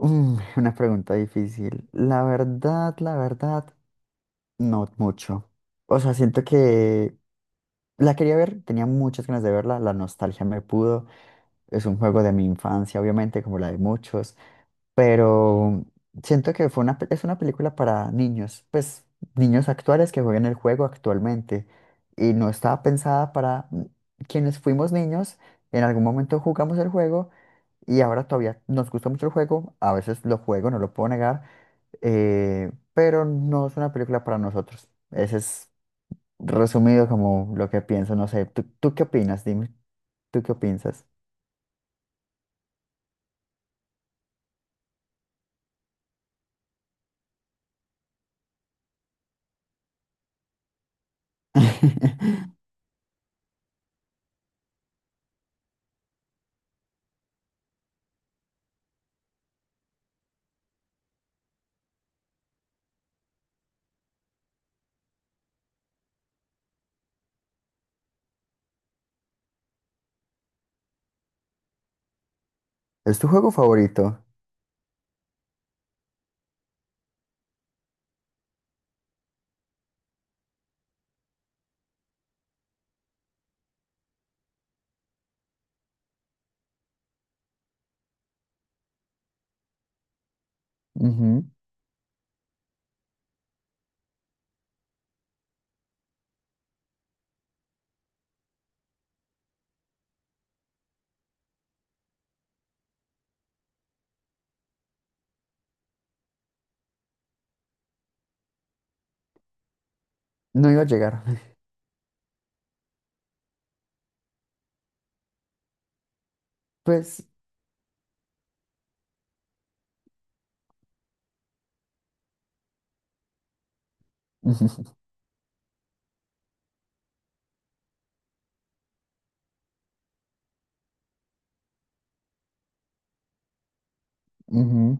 Mm, una pregunta difícil. La verdad, no mucho. O sea, siento que la quería ver, tenía muchas ganas de verla, la nostalgia me pudo. Es un juego de mi infancia, obviamente, como la de muchos, pero siento que es una película para niños, pues niños actuales que juegan el juego actualmente y no estaba pensada para quienes fuimos niños, en algún momento jugamos el juego y ahora todavía nos gusta mucho el juego, a veces lo juego, no lo puedo negar, pero no es una película para nosotros. Ese es, resumido, como lo que pienso, no sé. ¿Tú, ¿qué opinas? Dime, ¿tú qué piensas? ¿Es tu juego favorito? Ujú. No iba a llegar. Pues, ujú, ujú.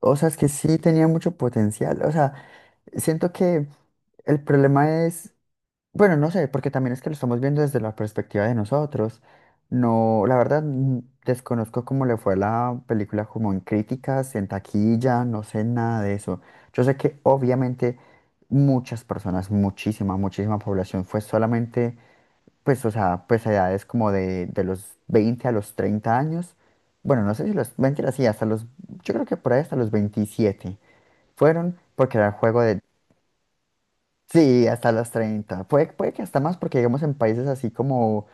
O sea, es que sí tenía mucho potencial. O sea, siento que el problema es, bueno, no sé, porque también es que lo estamos viendo desde la perspectiva de nosotros. No, la verdad, desconozco cómo le fue a la película como en críticas, en taquilla, no sé nada de eso. Yo sé que obviamente muchas personas, muchísima, muchísima población fue solamente, pues, o sea, pues a edades como de los 20 a los 30 años. Bueno, no sé si los, mentira, sí, hasta los, yo creo que por ahí hasta los 27 fueron porque era el juego de. Sí, hasta los 30. Puede que hasta más, porque digamos en países así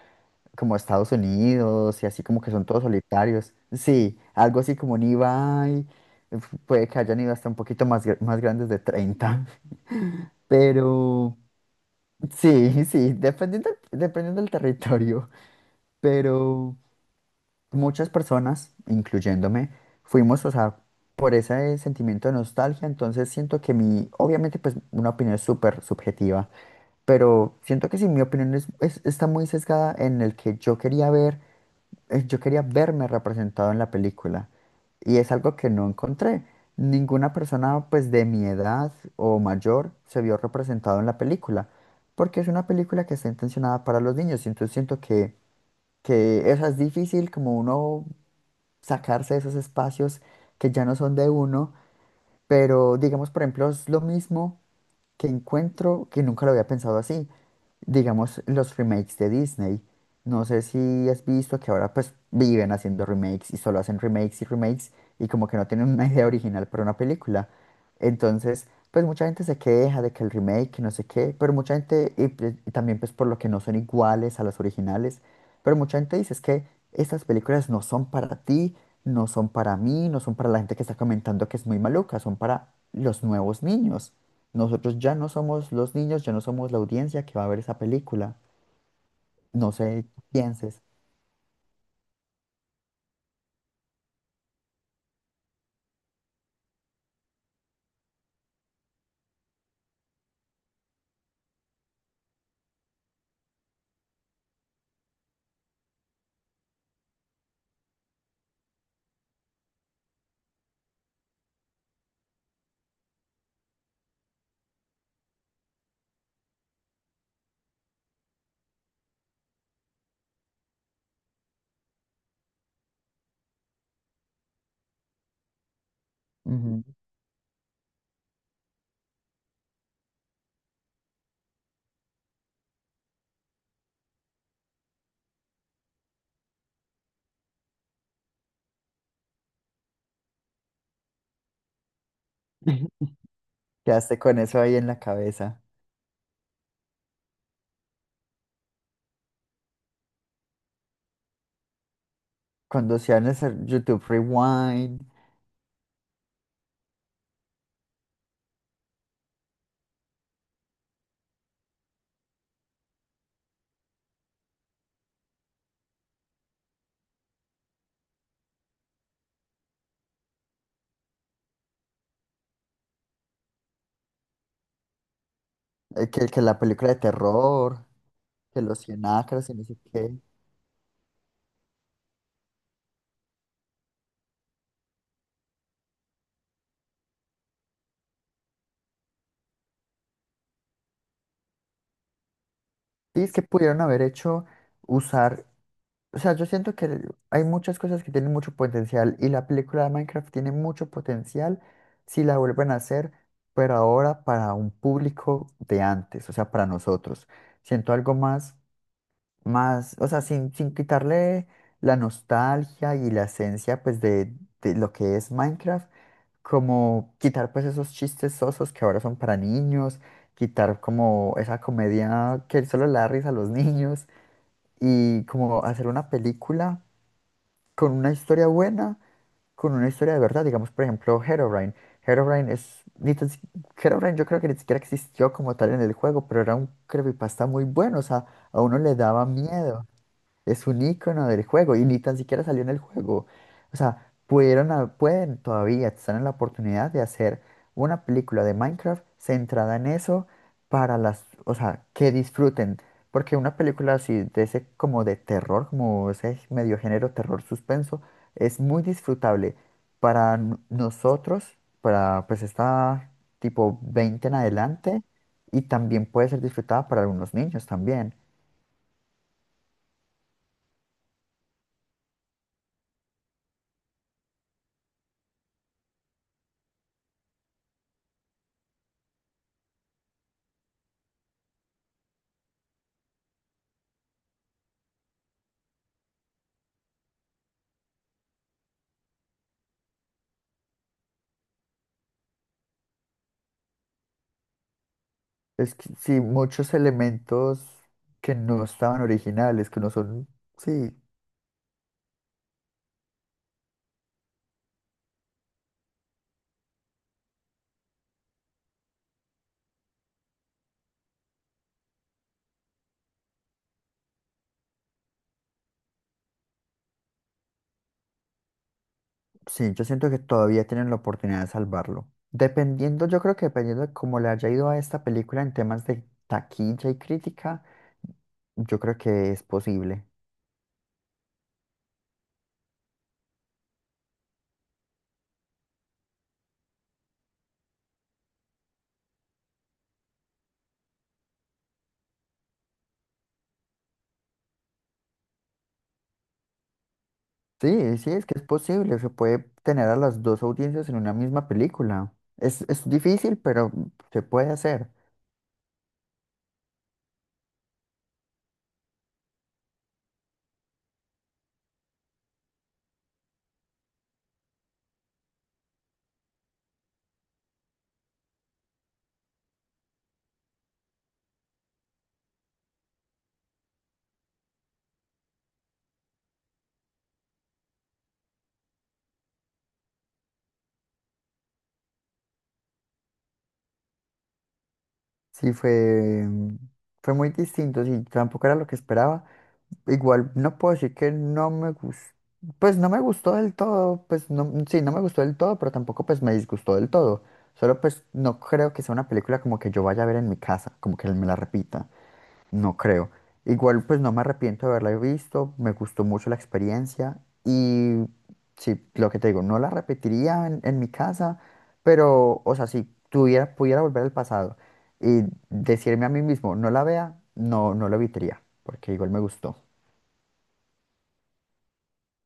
como Estados Unidos y así como que son todos solitarios. Sí, algo así como un Ibai. Puede que hayan ido hasta un poquito más, más grandes de 30. Pero sí, sí, dependiendo, dependiendo del territorio. Pero muchas personas, incluyéndome, fuimos, o sea, por ese sentimiento de nostalgia. Entonces siento que mi, obviamente, pues una opinión súper subjetiva, pero siento que sí, mi opinión está muy sesgada en el que yo quería ver, yo quería verme representado en la película y es algo que no encontré. Ninguna persona pues de mi edad o mayor se vio representado en la película, porque es una película que está intencionada para los niños y entonces que eso es difícil, como uno sacarse de esos espacios que ya no son de uno, pero digamos por ejemplo es lo mismo que encuentro, que nunca lo había pensado así. Digamos, los remakes de Disney. No sé si has visto que ahora pues viven haciendo remakes y solo hacen remakes y remakes, y como que no tienen una idea original para una película. Entonces, pues mucha gente se queja de que el remake, que no sé qué, pero mucha gente, y, pues, y también pues por lo que no son iguales a las originales, pero mucha gente dice es que estas películas no son para ti, no son para mí, no son para la gente que está comentando que es muy maluca, son para los nuevos niños. Nosotros ya no somos los niños, ya no somos la audiencia que va a ver esa película. No sé qué pienses. Ujú. Quedaste con eso ahí en la cabeza. Cuando hacían ese YouTube Rewind, que la película de terror, que los 100 acres y no sé qué. Sí, es que pudieron haber hecho, usar... O sea, yo siento que hay muchas cosas que tienen mucho potencial y la película de Minecraft tiene mucho potencial si la vuelven a hacer, pero ahora para un público de antes, o sea, para nosotros. Siento algo más, más, o sea, sin, sin quitarle la nostalgia y la esencia, pues, de lo que es Minecraft, como quitar, pues, esos chistes sosos que ahora son para niños, quitar como esa comedia que solo le da risa a los niños, y como hacer una película con una historia buena, con una historia de verdad. Digamos, por ejemplo, Herobrine. Herobrine es. Ni tan si- Herobrine, yo creo que ni siquiera existió como tal en el juego, pero era un creepypasta muy bueno. O sea, a uno le daba miedo. Es un icono del juego y ni tan siquiera salió en el juego. O sea, pueden todavía, están en la oportunidad de hacer una película de Minecraft centrada en eso para las, o sea, que disfruten. Porque una película así de ese, como de terror, como ese medio género terror suspenso, es muy disfrutable para nosotros, para pues esta tipo 20 en adelante, y también puede ser disfrutada para algunos niños también. Es que sí, muchos elementos que no estaban originales, que no son... Sí, sí, yo siento que todavía tienen la oportunidad de salvarlo. Dependiendo, yo creo que dependiendo de cómo le haya ido a esta película en temas de taquilla y crítica, yo creo que es posible. Sí, sí, es que es posible. Se puede tener a las dos audiencias en una misma película. Es difícil, pero se puede hacer. Sí, fue, fue muy distinto. Sí, tampoco era lo que esperaba. Igual no puedo decir que no me gustó, pues no me gustó del todo, pues no, sí, no me gustó del todo, pero tampoco pues me disgustó del todo. Solo pues no creo que sea una película como que yo vaya a ver en mi casa, como que me la repita, no creo. Igual pues no me arrepiento de haberla visto, me gustó mucho la experiencia, y sí, lo que te digo, no la repetiría en mi casa, pero o sea, si tuviera, pudiera volver al pasado y decirme a mí mismo, no la vea, no, no lo evitaría, porque igual me gustó.